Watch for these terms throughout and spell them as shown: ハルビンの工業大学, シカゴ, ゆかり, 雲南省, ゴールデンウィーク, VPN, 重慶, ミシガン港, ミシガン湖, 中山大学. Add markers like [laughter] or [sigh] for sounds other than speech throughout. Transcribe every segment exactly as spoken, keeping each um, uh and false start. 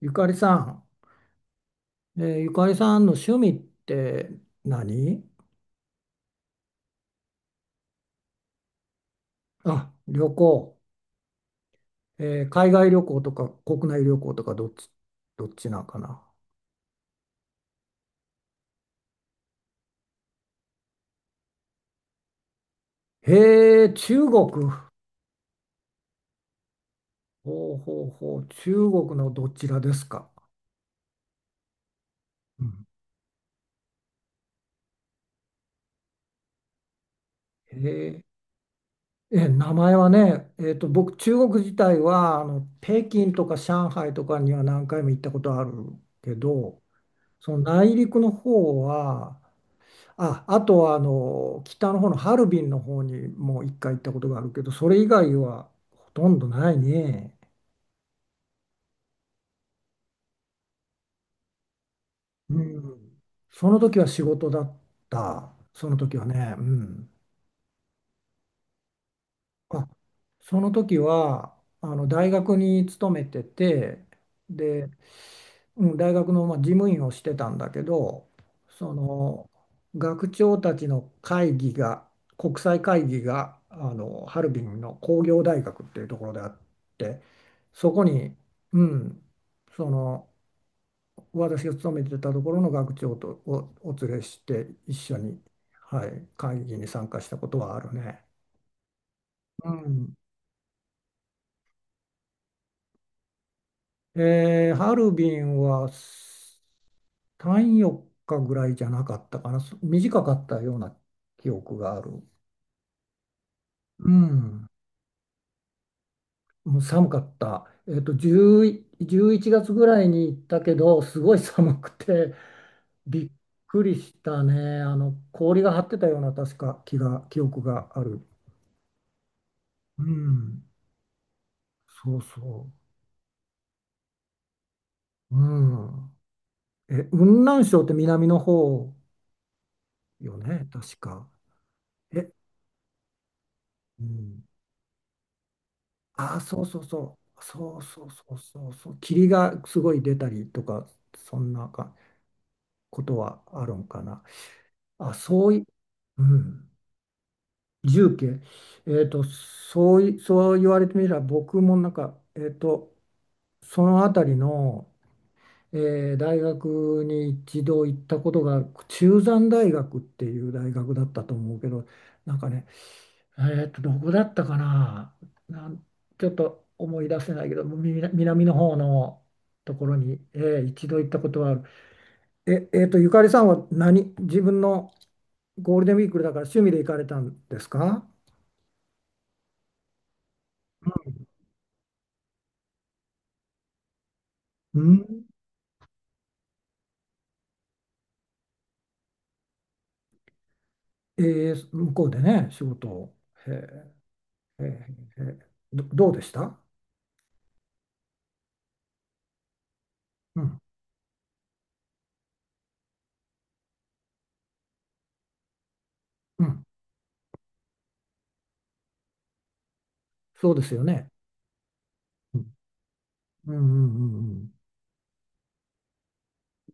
ゆかりさん、えーゆかりさんの趣味って何？あ、旅行。えー海外旅行とか国内旅行とかどっち、どっちなんかな。へえ、中国。ほうほうほう、中国のどちらですか？うん、へえ、え、名前はね、えーと、僕、中国自体はあの北京とか上海とかには何回も行ったことあるけど、その内陸の方は、あ、あとはあの北の方のハルビンの方にもいっかい行ったことがあるけど、それ以外はほとんどないね。うん。その時は仕事だった。その時はね。うん。あ、その時はあの大学に勤めてて、で、うん、大学のまあ事務員をしてたんだけど、その学長たちの会議が国際会議があのハルビンの工業大学っていうところであって、そこに、うん、その私が勤めてたところの学長とお、お連れして一緒に、はい、会議に参加したことはあるね。うん、えーハルビンはさんよっかぐらいじゃなかったかな、そ短かったような記憶がある。うん、もう寒かった。えっと、じゅう、いちがつぐらいに行ったけど、すごい寒くて、びっくりしたね。あの、氷が張ってたような、確か気が、記憶がある。うん、そうそう。うん。え、雲南省って南の方よね、確か。え、うん、ああ、そうそうそう、そうそうそうそう、そう霧がすごい出たりとか、そんなかことはあるんかな。あ、そうい、うん、重慶、えっと、そうい、そう言われてみれば、僕もなんか、えっと、その辺りの、えー大学に一度行ったことがある、中山大学っていう大学だったと思うけど、なんかね、えっと、どこだったかな、なん、ちょっと思い出せないけど、み南の方のところに、えー一度行ったことはある。え、えっと、ゆかりさんは何、自分のゴールデンウィークだから趣味で行かれたんですか？うん。えー向こうでね、仕事を。へえ、へえ、へえ、ど、どうでした？うん、うん、そうですよね。うん、うん、うん、うん。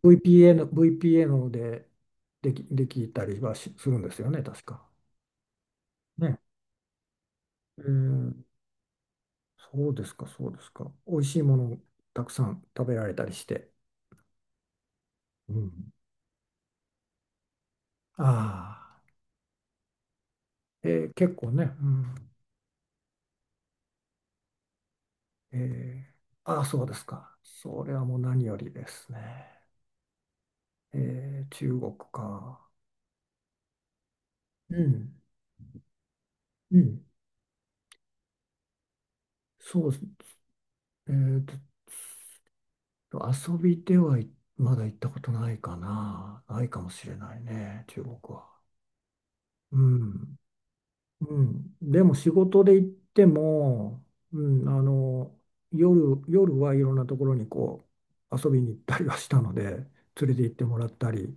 ブイピーエヌ、ブイピーエヌ で、でき、できたりはしするんですよね、確か。ね、えー、そうですか、そうですか。美味しいものたくさん食べられたりして。うん。ああ、えー結構ね。うん。えーああ、そうですか。それはもう何よりですね。えー中国か。うん。うん。そうです。えーと、遊びで、はい、まだ行ったことないかな。ないかもしれないね、中国は。うん。うん、でも仕事で行っても、うん、あの夜、夜はいろんなところにこう遊びに行ったりはしたので、連れて行ってもらったり、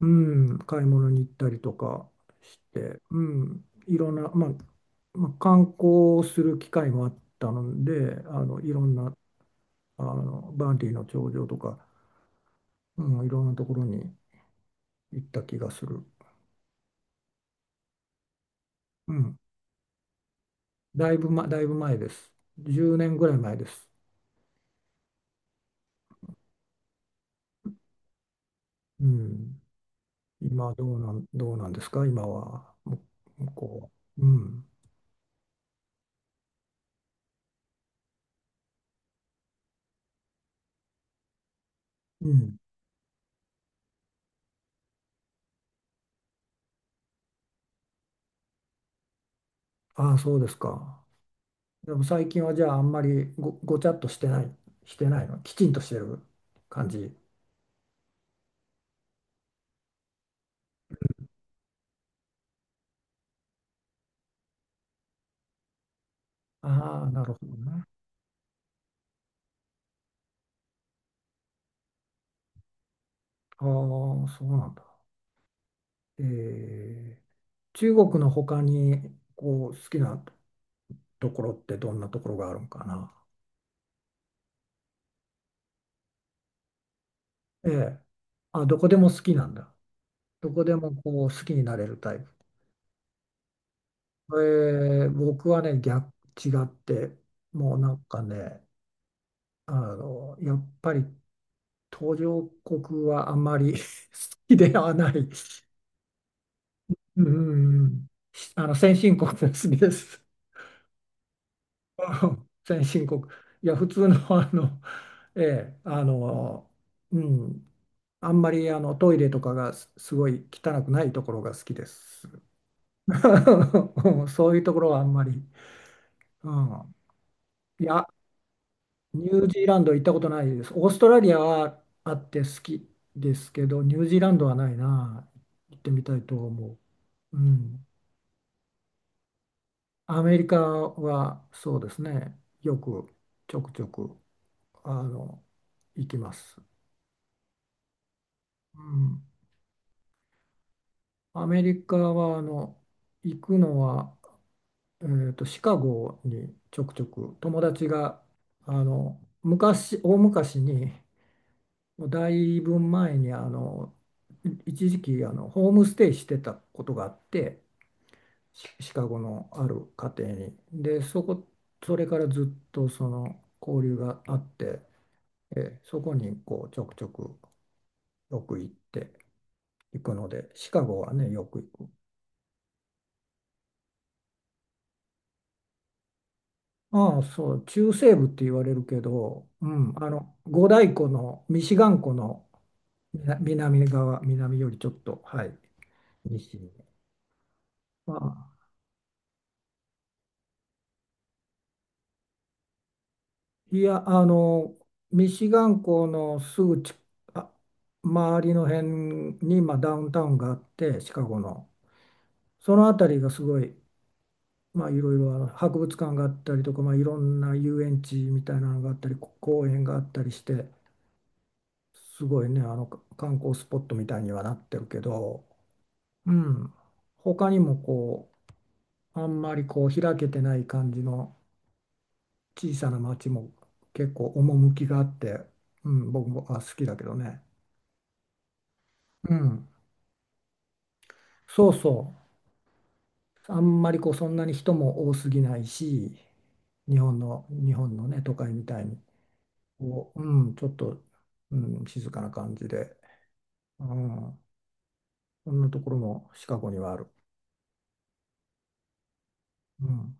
うん、買い物に行ったりとかして、うん、いろんな、まあ、まあ、観光する機会もあったので、あのいろんなあのバンディの頂上とか、うん、いろんなところに行った気がする、うん、だいぶ、ま、だいぶ前です、じゅうねんぐらい前です。うん、今どうなん、どうなんですか、今は。む向こうは？うん。うん。ああ、そうですか。でも最近はじゃああんまりご、ごちゃっとしてない、してないの。きちんとしてる感じ。ああ、なるほどね。ああ、そうなんだ。えー、中国の他にこう好きなところってどんなところがあるんかな。ええ。あ、どこでも好きなんだ。どこでもこう好きになれるタイプ。えー僕はね、逆、違って、もうなんかね、あの、やっぱり途上国はあんまり [laughs] 好きではない。うん、あの、先進国が好きです。[laughs] うん、先進国。いや、普通の、あの、ええ、あの、うん、あんまりあのトイレとかがすすごい汚くないところが好きです。[laughs] そういうところはあんまり。うん、いや、ニュージーランド行ったことないです。オーストラリアはあって好きですけど、ニュージーランドはないな。行ってみたいと思う。うん。アメリカはそうですね。よくちょくちょくあの行きます。うん。アメリカはあの行くのは、えーと、シカゴにちょくちょく友達があの昔大昔に、もうだいぶ前にあのいいちじきあのホームステイしてたことがあって、シシカゴのある家庭に、で、そこ、それからずっとその交流があって、えーそこにこうちょくちょくよく行って行くのでシカゴはねよく行く。ああ、そう、中西部って言われるけど、うん、あのごだいこのミシガン湖の南南側南より、ちょっと、はい、西に。まあ、いや、あの、ミシガン港のすぐち、あ、周りの辺に、まあ、ダウンタウンがあって、シカゴの。その辺りがすごい、まあ、いろいろあの博物館があったりとか、まあ、いろんな遊園地みたいなのがあったり、こ公園があったりして、すごいね、あのか観光スポットみたいにはなってるけど、うん、他にもこう、あんまりこう開けてない感じの小さな町も結構趣があって、うん、僕もあ好きだけどね。うん、そうそう。あんまりこうそんなに人も多すぎないし、日本の、日本のね、都会みたいに、こう、うん、ちょっと、うん、静かな感じで、うん、そんなところもシカゴにはある。うん、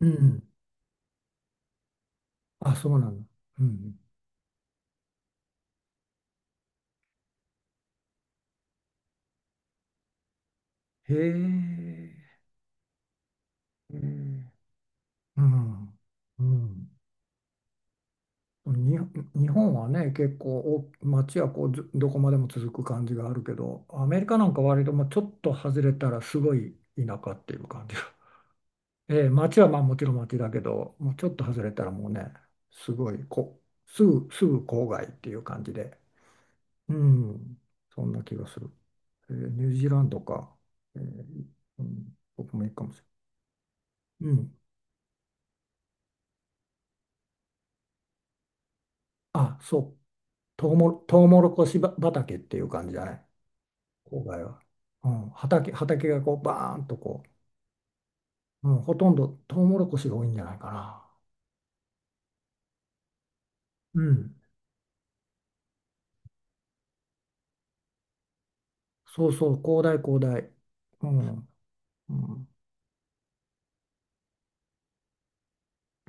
うん、あ、そうなんだ。うん、へえ、ううん、うん。に日本はね、結構お街はこう、ずどこまでも続く感じがあるけど、アメリカなんか割ともうちょっと外れたらすごい田舎っていう感じが、[laughs] ええ、街はまあもちろん街だけど、もうちょっと外れたらもうね、すごいこすぐすぐ郊外っていう感じで、うん、そんな気がする、えーニュージーランドか、ええ、うん、僕もいいかもしれない、うん、あ、そう、トウモロ、トウモロコシば畑っていう感じだね、郊外は。うん、畑、畑がこうバーンと、こう、うん、ほとんどトウモロコシが多いんじゃないかな。うん、そうそう、広大、広大。うん、うん、